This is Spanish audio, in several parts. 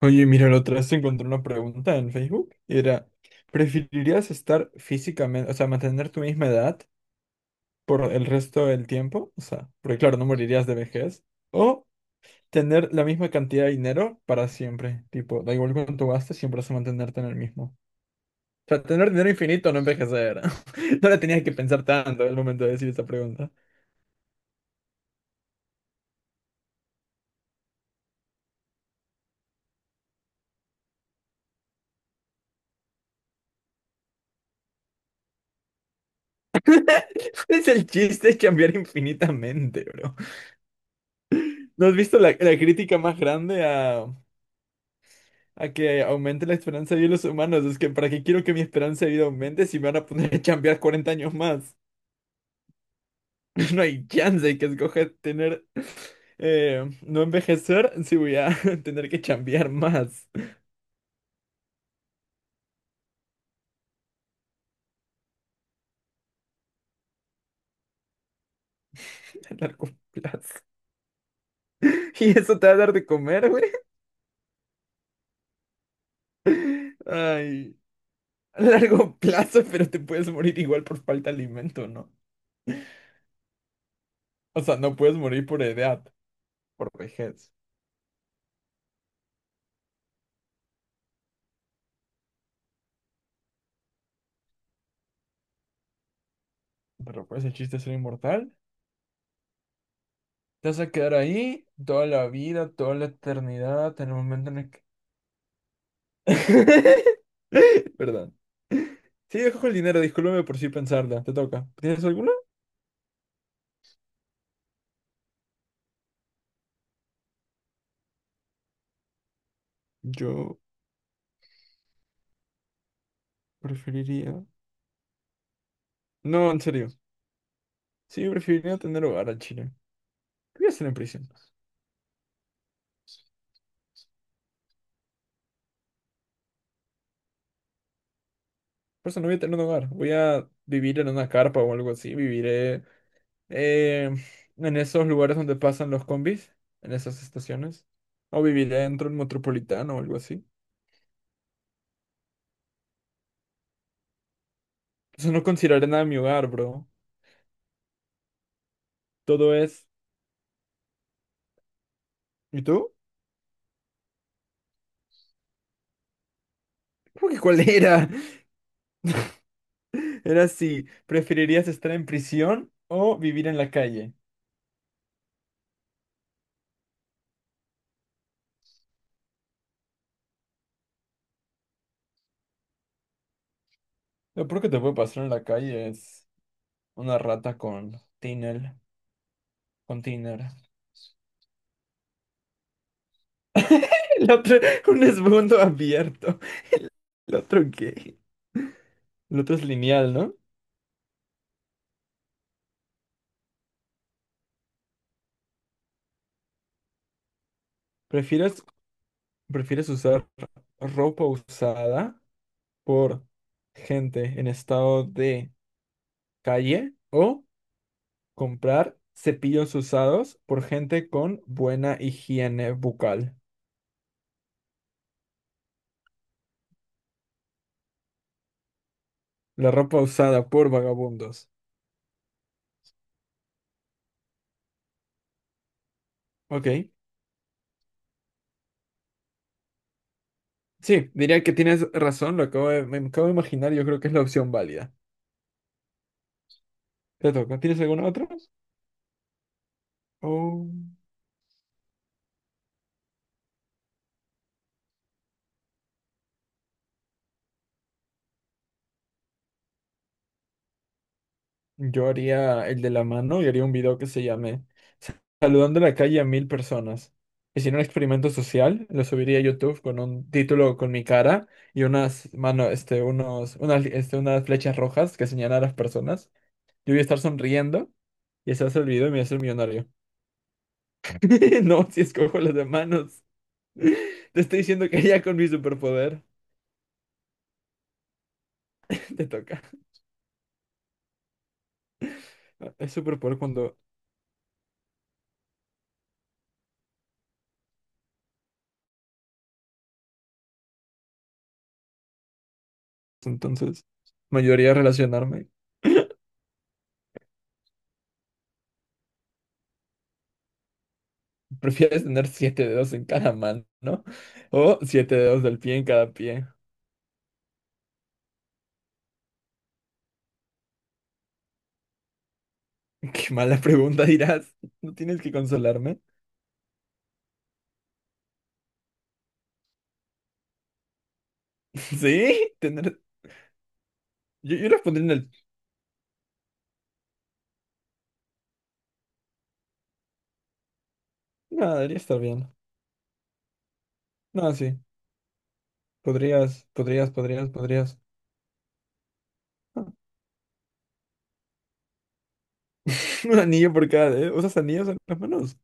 Oye, mira, la otra vez te encontré una pregunta en Facebook y era, ¿preferirías estar físicamente, o sea, mantener tu misma edad por el resto del tiempo? O sea, porque claro, no morirías de vejez. ¿O tener la misma cantidad de dinero para siempre? Tipo, da igual cuánto gastes, siempre vas a mantenerte en el mismo. O sea, tener dinero infinito, no envejecer. No la tenías que pensar tanto al momento de decir esa pregunta. Es el chiste, es cambiar infinitamente, bro. ¿No has visto la crítica más grande a que aumente la esperanza de vida de los humanos? Es que, ¿para qué quiero que mi esperanza de vida aumente si me van a poner a chambear 40 años más? No hay chance de que escoja tener, no envejecer si voy a tener que chambear más a largo plazo. ¿Y eso te va a dar de comer, güey? Ay, a largo plazo, pero te puedes morir igual por falta de alimento, ¿no? O sea, no puedes morir por edad, por vejez. Pero pues el chiste es ser inmortal. Te vas a quedar ahí toda la vida, toda la eternidad, en el momento en el que... Perdón. Sí, dejo el dinero, discúlpame por si pensarla. Te toca. ¿Tienes alguna? Yo preferiría... No, en serio. Sí, preferiría tener hogar al Chile. ¿Qué voy a hacer en prisión? Por eso no voy a tener un hogar. Voy a vivir en una carpa o algo así. Viviré eh, en esos lugares donde pasan los combis, en esas estaciones. O viviré dentro del metropolitano o algo así. Entonces no consideraré nada mi hogar, bro. Todo es. ¿Y tú? Creo que ¿cuál era? Era si preferirías estar en prisión o vivir en la calle. Lo peor que te puede pasar en la calle es una rata con tiner. Con tiner. El otro, un esbundo abierto. ¿El otro qué? El otro es lineal, ¿no? ¿Prefieres, prefieres usar ropa usada por gente en estado de calle o comprar cepillos usados por gente con buena higiene bucal? La ropa usada por vagabundos. Ok. Sí, diría que tienes razón, lo acabo de, me acabo de imaginar, yo creo que es la opción válida. Te toca. ¿Tienes alguna otra? Oh, yo haría el de la mano y haría un video que se llame saludando en la calle a 1000 personas. Hicieron un experimento social, lo subiría a YouTube con un título con mi cara y unas mano, este, unos, unas, este, unas flechas rojas que señalan a las personas. Yo voy a estar sonriendo y se va a hacer el video y me voy a hacer millonario. No, si escojo las de manos. Te estoy diciendo que ya con mi superpoder te toca. Es superpoder cuando entonces mayoría relacionarme. ¿Prefieres tener siete dedos en cada mano, ¿no? O siete dedos del pie en cada pie? Qué mala pregunta dirás. ¿No tienes que consolarme? Sí, tener. Yo respondí en el. No, debería estar bien. No, sí. Podrías, podrías, podrías, podrías. Un anillo por cada dedo. ¿Usas anillos en las manos?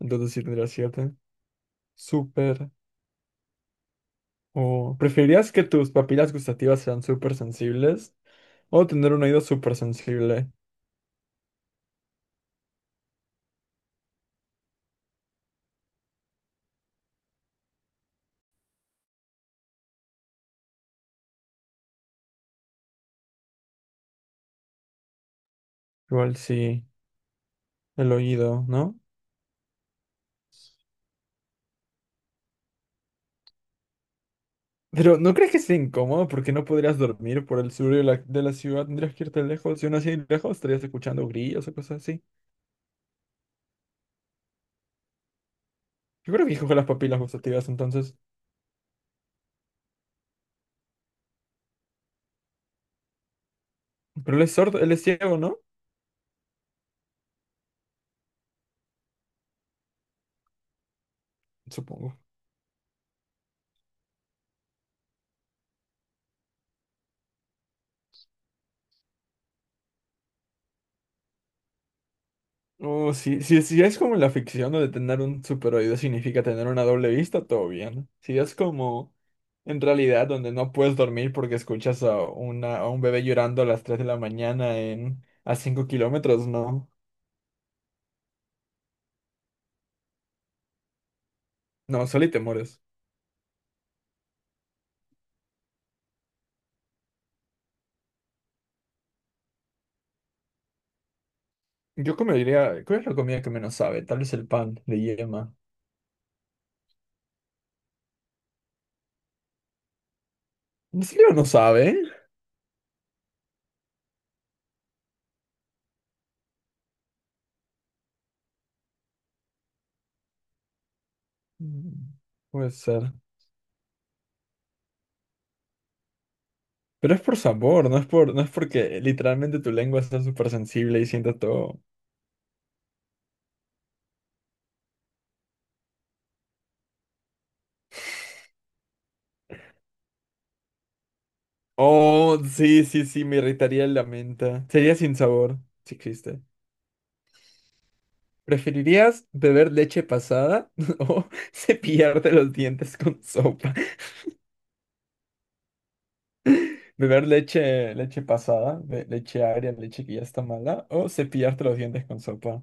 Entonces sí tendrías siete. Súper. ¿O preferirías que tus papilas gustativas sean súper sensibles? ¿O tener un oído súper sensible? Igual sí, el oído, ¿no? Pero ¿no crees que sea incómodo? Porque no podrías dormir por el sur de la ciudad. Tendrías que irte lejos. Y aún así lejos estarías escuchando grillos o cosas así. Yo creo que con las papilas gustativas entonces. Pero él es sordo, él es ciego, ¿no? Supongo. Oh, sí, si es como en la ficción donde tener un super oído significa tener una doble vista, todo bien. Si es como en realidad donde no puedes dormir porque escuchas a, una, a un bebé llorando a las 3 de la mañana en, a 5 kilómetros, no. No, solo y te mueres. Yo comería, ¿cuál es la comida que menos sabe? Tal vez el pan de yema. ¿En serio no sabe? Mm. Puede ser. Pero es por sabor, no es por, no es porque literalmente tu lengua está súper sensible y sienta todo. Oh, sí, sí, sí, me irritaría la menta. Sería sin sabor, si existe. ¿Preferirías beber leche pasada o cepillarte los dientes con sopa? ¿Beber leche, leche pasada, leche agria, leche que ya está mala o cepillarte los dientes con sopa?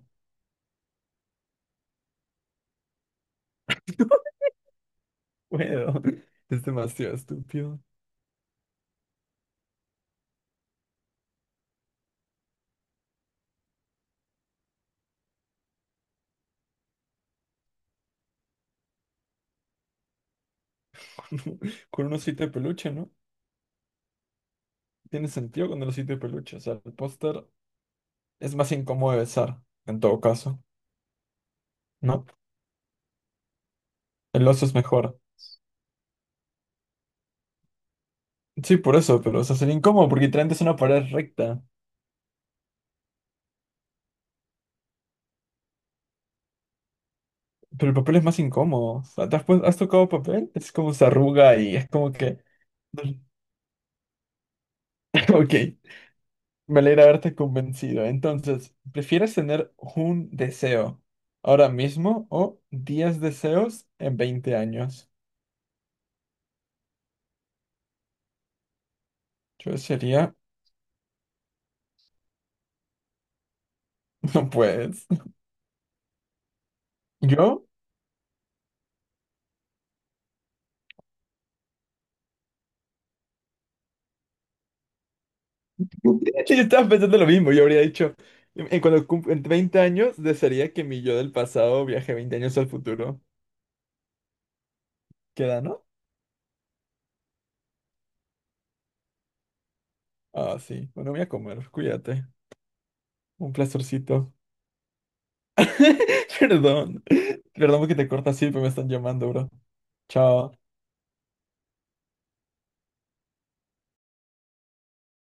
Bueno, es demasiado estúpido. Con un osito de peluche, ¿no? Tiene sentido con el osito de peluche. O sea, el póster es más incómodo de besar, en todo caso, ¿no? El oso es mejor. Sí, por eso, pero o sea, sería incómodo porque literalmente es una pared recta. Pero el papel es más incómodo. O sea, ¿te has, has tocado papel? Es como se arruga y es como que... Ok, me alegra haberte convencido. Entonces, ¿prefieres tener un deseo ahora mismo o 10 deseos en 20 años? Yo sería... No puedes. ¿Yo? Yo estaba pensando lo mismo. Yo habría dicho... En en 20 años, desearía que mi yo del pasado viaje 20 años al futuro. ¿Queda, no? Ah, sí. Bueno, voy a comer. Cuídate. Un placercito. Perdón. Perdón porque te corto así, pero me están llamando, bro. Chao.